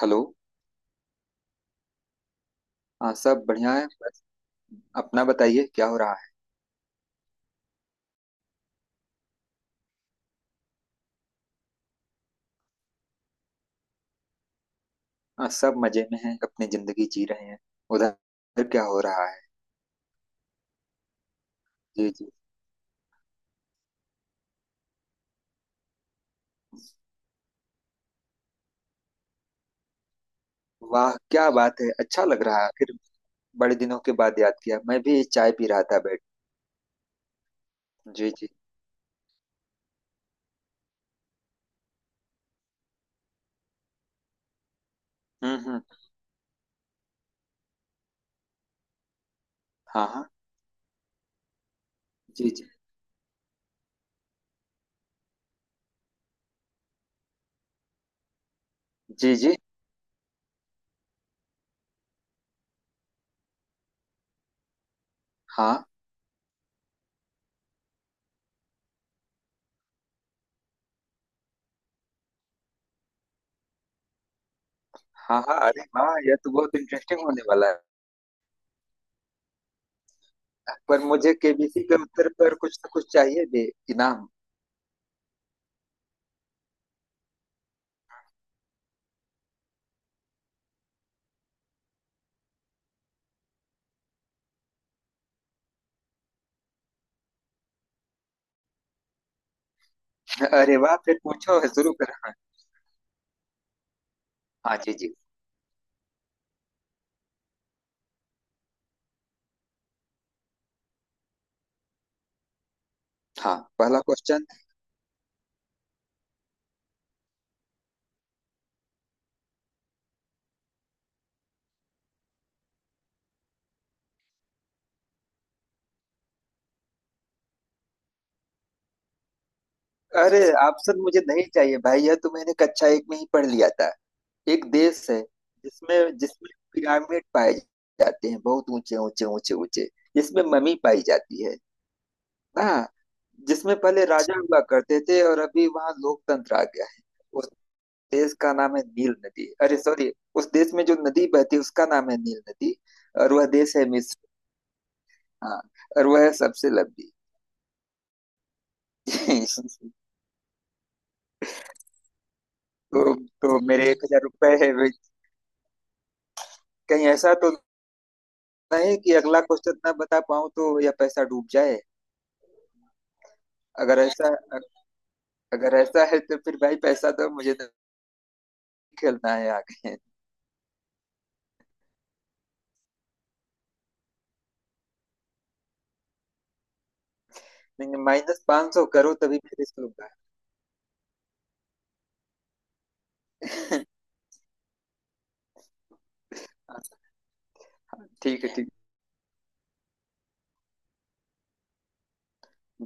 Hello. हाँ सब बढ़िया है बस। अपना बताइए क्या हो रहा है। हाँ सब मजे में हैं अपनी जिंदगी जी रहे हैं। उधर क्या हो रहा है। जी जी। वाह क्या बात है, अच्छा लग रहा है फिर। बड़े दिनों के बाद याद किया, मैं भी चाय पी रहा था बैठ। जी जी। हम्म। हम्म। हाँ हाँ। जी जी। जी जी। हाँ हाँ। हाँ अरे वाह, यह तो बहुत इंटरेस्टिंग होने वाला है। पर मुझे केबीसी के उत्तर पर कुछ ना कुछ चाहिए भी। इनाम। अरे वाह, फिर पूछो शुरू करो। हाँ। हाँ, जी जी। हाँ पहला क्वेश्चन। अरे ऑप्शन मुझे नहीं चाहिए भाई, यह तो मैंने कक्षा एक में ही पढ़ लिया था। एक देश है जिसमें जिसमें पिरामिड पाए जाते हैं, बहुत ऊंचे ऊंचे ऊंचे ऊंचे। जिसमें ममी पाई जाती है। हाँ। जिसमें पहले राजा हुआ करते थे और अभी वहाँ लोकतंत्र आ गया है। उस देश का नाम है नील नदी। अरे सॉरी, उस देश में जो नदी बहती है उसका नाम है नील नदी। और वह देश है मिस्र। हाँ, और वह है सबसे लंबी। तो मेरे 1 हजार रुपए है कहीं ऐसा तो नहीं कि अगला क्वेश्चन ना बता पाऊं तो, या पैसा डूब जाए। अगर ऐसा अगर ऐसा है तो फिर भाई पैसा तो मुझे तो नहीं खेलना है आगे। नहीं, माइनस 500 करो तभी फिर इसका। हाँ, ठीक है ठीक।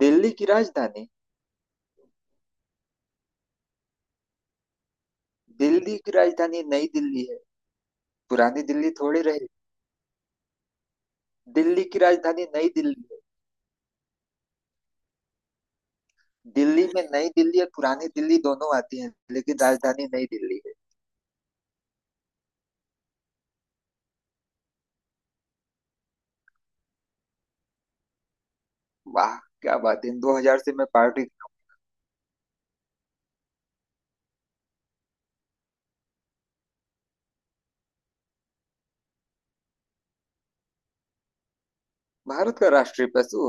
दिल्ली की राजधानी। दिल्ली की राजधानी नई दिल्ली है। पुरानी दिल्ली थोड़ी रही। दिल्ली की राजधानी नई दिल्ली है। दिल्ली में नई दिल्ली और पुरानी दिल्ली दोनों आती हैं, लेकिन राजधानी नई दिल्ली है। वाह क्या बात है, इन 2 हजार से मैं पार्टी। भारत का राष्ट्रीय पशु।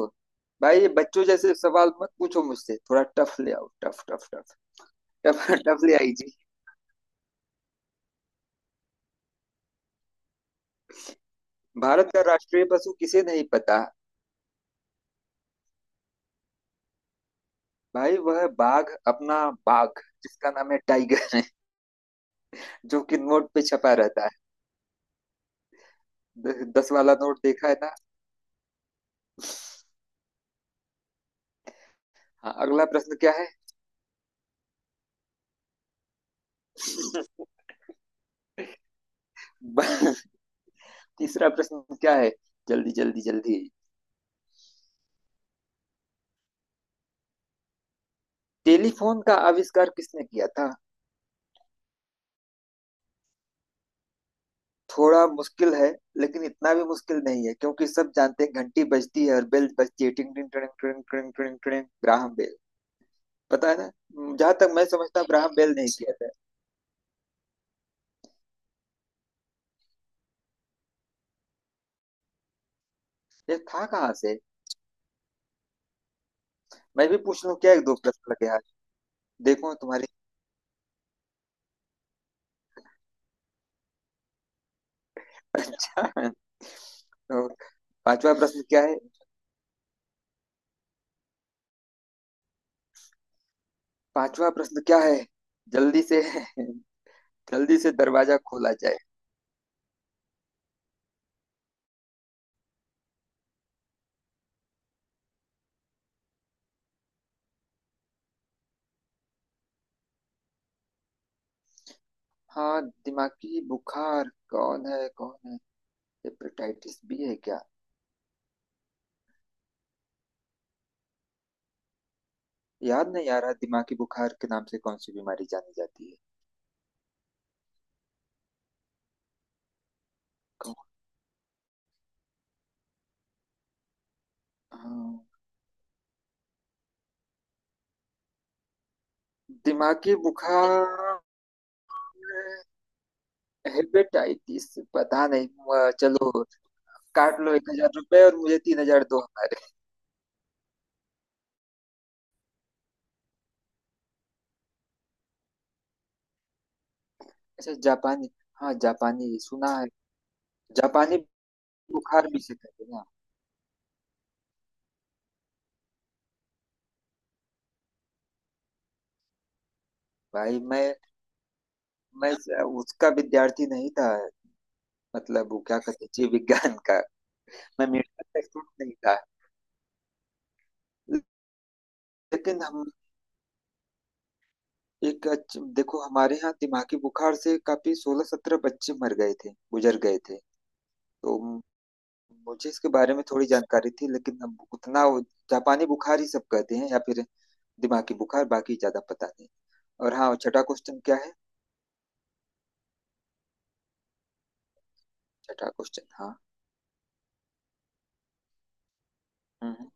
भाई ये बच्चों जैसे सवाल मत पूछो मुझसे, थोड़ा टफ ले आओ। Tough tough tough tough. Tough ले आई जी। भारत का राष्ट्रीय पशु किसे नहीं पता। भाई वह है बाघ अपना। बाघ, जिसका नाम है टाइगर। जो कि नोट पे छपा रहता है। 10 वाला नोट देखा है ना। हाँ अगला प्रश्न क्या है। ब- तीसरा प्रश्न क्या है। जल्दी जल्दी जल्दी। टेलीफोन का आविष्कार किसने किया था। थोड़ा मुश्किल है, लेकिन इतना भी मुश्किल नहीं है क्योंकि सब जानते हैं घंटी बजती है और बेल बजती है टिंग टिंग टिंग टिंग टिंग टिंग टिंग। Graham bell. पता है ना। जहां तक मैं समझता हूँ ग्राहम बेल नहीं किया था। ये था कहाँ से। मैं भी पूछ लूँ क्या, एक दो प्रश्न लगे आज। देखो तुम्हारी। अच्छा, और पांचवा प्रश्न क्या है। पांचवा प्रश्न क्या है। जल्दी से। जल्दी से दरवाजा खोला जाए। हाँ, दिमागी बुखार कौन है कौन है। हेपेटाइटिस बी है क्या। याद नहीं आ रहा, दिमागी बुखार के नाम से कौन सी बीमारी जानी जाती है। कौन। हाँ, दिमागी बुखार। हेपेटाइटिस, पता नहीं हुआ, चलो। काट लो 1 हजार रुपए और मुझे 3 हजार दो हमारे। अच्छा जापानी। हाँ जापानी सुना है। जापानी बुखार भी से कहते हैं ना। भाई मैं उसका विद्यार्थी नहीं था। मतलब वो क्या कहते हैं, जीव विज्ञान का। मैं मेडिकल का स्टूडेंट नहीं था। लेकिन हम, देखो हमारे यहाँ दिमागी बुखार से काफी 16-17 बच्चे मर गए थे, गुजर गए थे। तो मुझे इसके बारे में थोड़ी जानकारी थी, लेकिन अब उतना जापानी बुखार ही सब कहते हैं, या फिर दिमागी बुखार। बाकी ज्यादा पता नहीं। और हाँ, छठा क्वेश्चन क्या है। छठा क्वेश्चन। हाँ। हम्म। हम्म।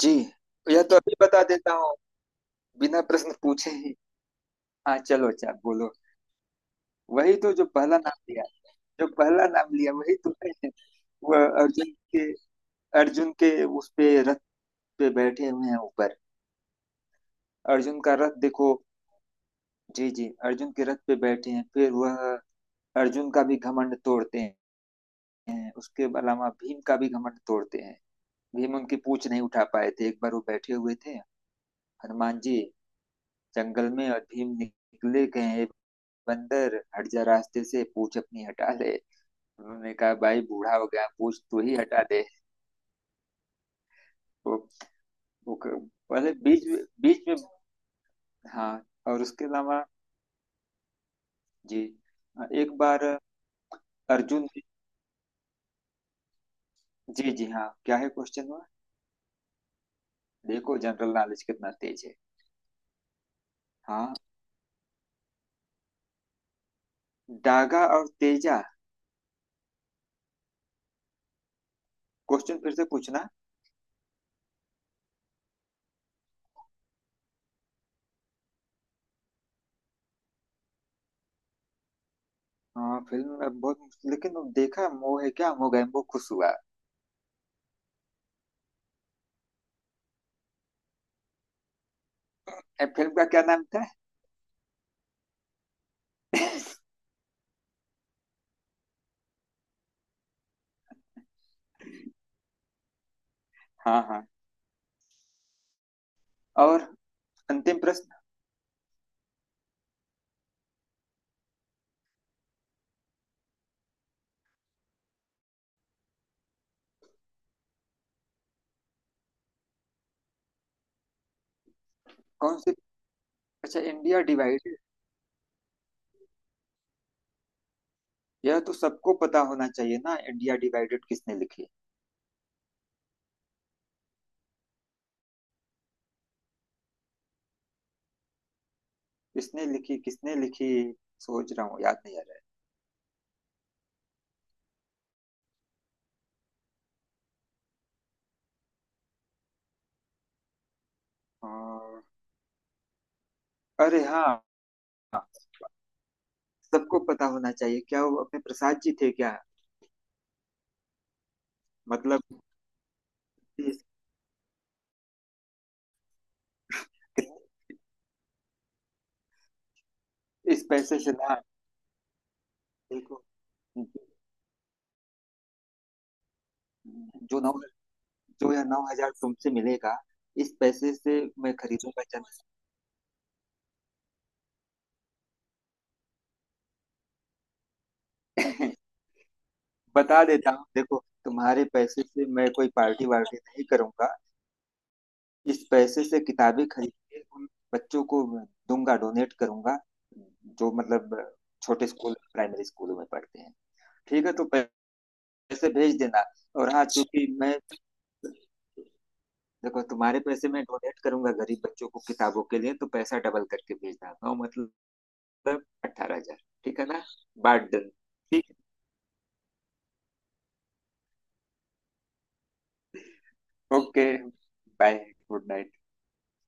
जी। यह तो अभी बता देता हूँ बिना प्रश्न पूछे ही। हाँ चलो, अच्छा बोलो। वही तो, जो पहला नाम लिया। जो पहला नाम लिया वही तो है। वह अर्जुन के। अर्जुन के उस पे रथ पे बैठे हुए हैं ऊपर। अर्जुन का रथ देखो। जी जी, अर्जुन के रथ पे बैठे हैं, फिर वह अर्जुन का भी घमंड तोड़ते हैं। उसके अलावा भीम का भी घमंड तोड़ते हैं। भीम उनकी पूछ नहीं उठा पाए थे। एक बार वो बैठे हुए थे हनुमान जी जंगल में, और भीम निकले गए, "ए बंदर हट जा रास्ते से, पूछ अपनी हटा ले।" उन्होंने कहा, भाई बूढ़ा हो गया, पूछ तू ही हटा दे। वो, वो क- पहले बीच में। हाँ और उसके अलावा जी एक बार अर्जुन। जी जी हाँ, क्या है क्वेश्चन में। देखो, जनरल नॉलेज कितना तेज है। हाँ, दागा और तेजा। क्वेश्चन फिर से पूछना। हाँ फिल्म में बहुत, लेकिन अब देखा मोह है क्या। मोगैम्बो खुश हुआ। ए, फिल्म का क्या नाम था। हाँ हाँ, और अंतिम प्रश्न। कौन सी। अच्छा, इंडिया डिवाइडेड। यह तो सबको पता होना चाहिए ना। इंडिया डिवाइडेड किसने लिखी। किसने लिखी किसने लिखी। सोच रहा हूँ, याद नहीं आ रहा है और। अरे हाँ, सबको पता होना चाहिए, क्या वो अपने प्रसाद जी थे क्या। मतलब। इस पैसे से ना। देखो जो नौ जो यह 9 हजार तुमसे मिलेगा, इस पैसे से मैं खरीदूंगा चंद। बता देता हूँ देखो, तुम्हारे पैसे से मैं कोई पार्टी वार्टी नहीं करूंगा। इस पैसे से किताबें खरीद के उन बच्चों को दूंगा, डोनेट करूंगा, जो मतलब छोटे स्कूल, प्राइमरी स्कूलों में पढ़ते हैं। ठीक है तो पैसे भेज देना। और हाँ, चूंकि मैं, देखो तुम्हारे पैसे मैं डोनेट करूंगा गरीब बच्चों को किताबों के लिए, तो पैसा डबल करके भेजना। 9 मतलब 18 हजार। ठीक है ना। बात डन। ठीक। Okay bye. Good night.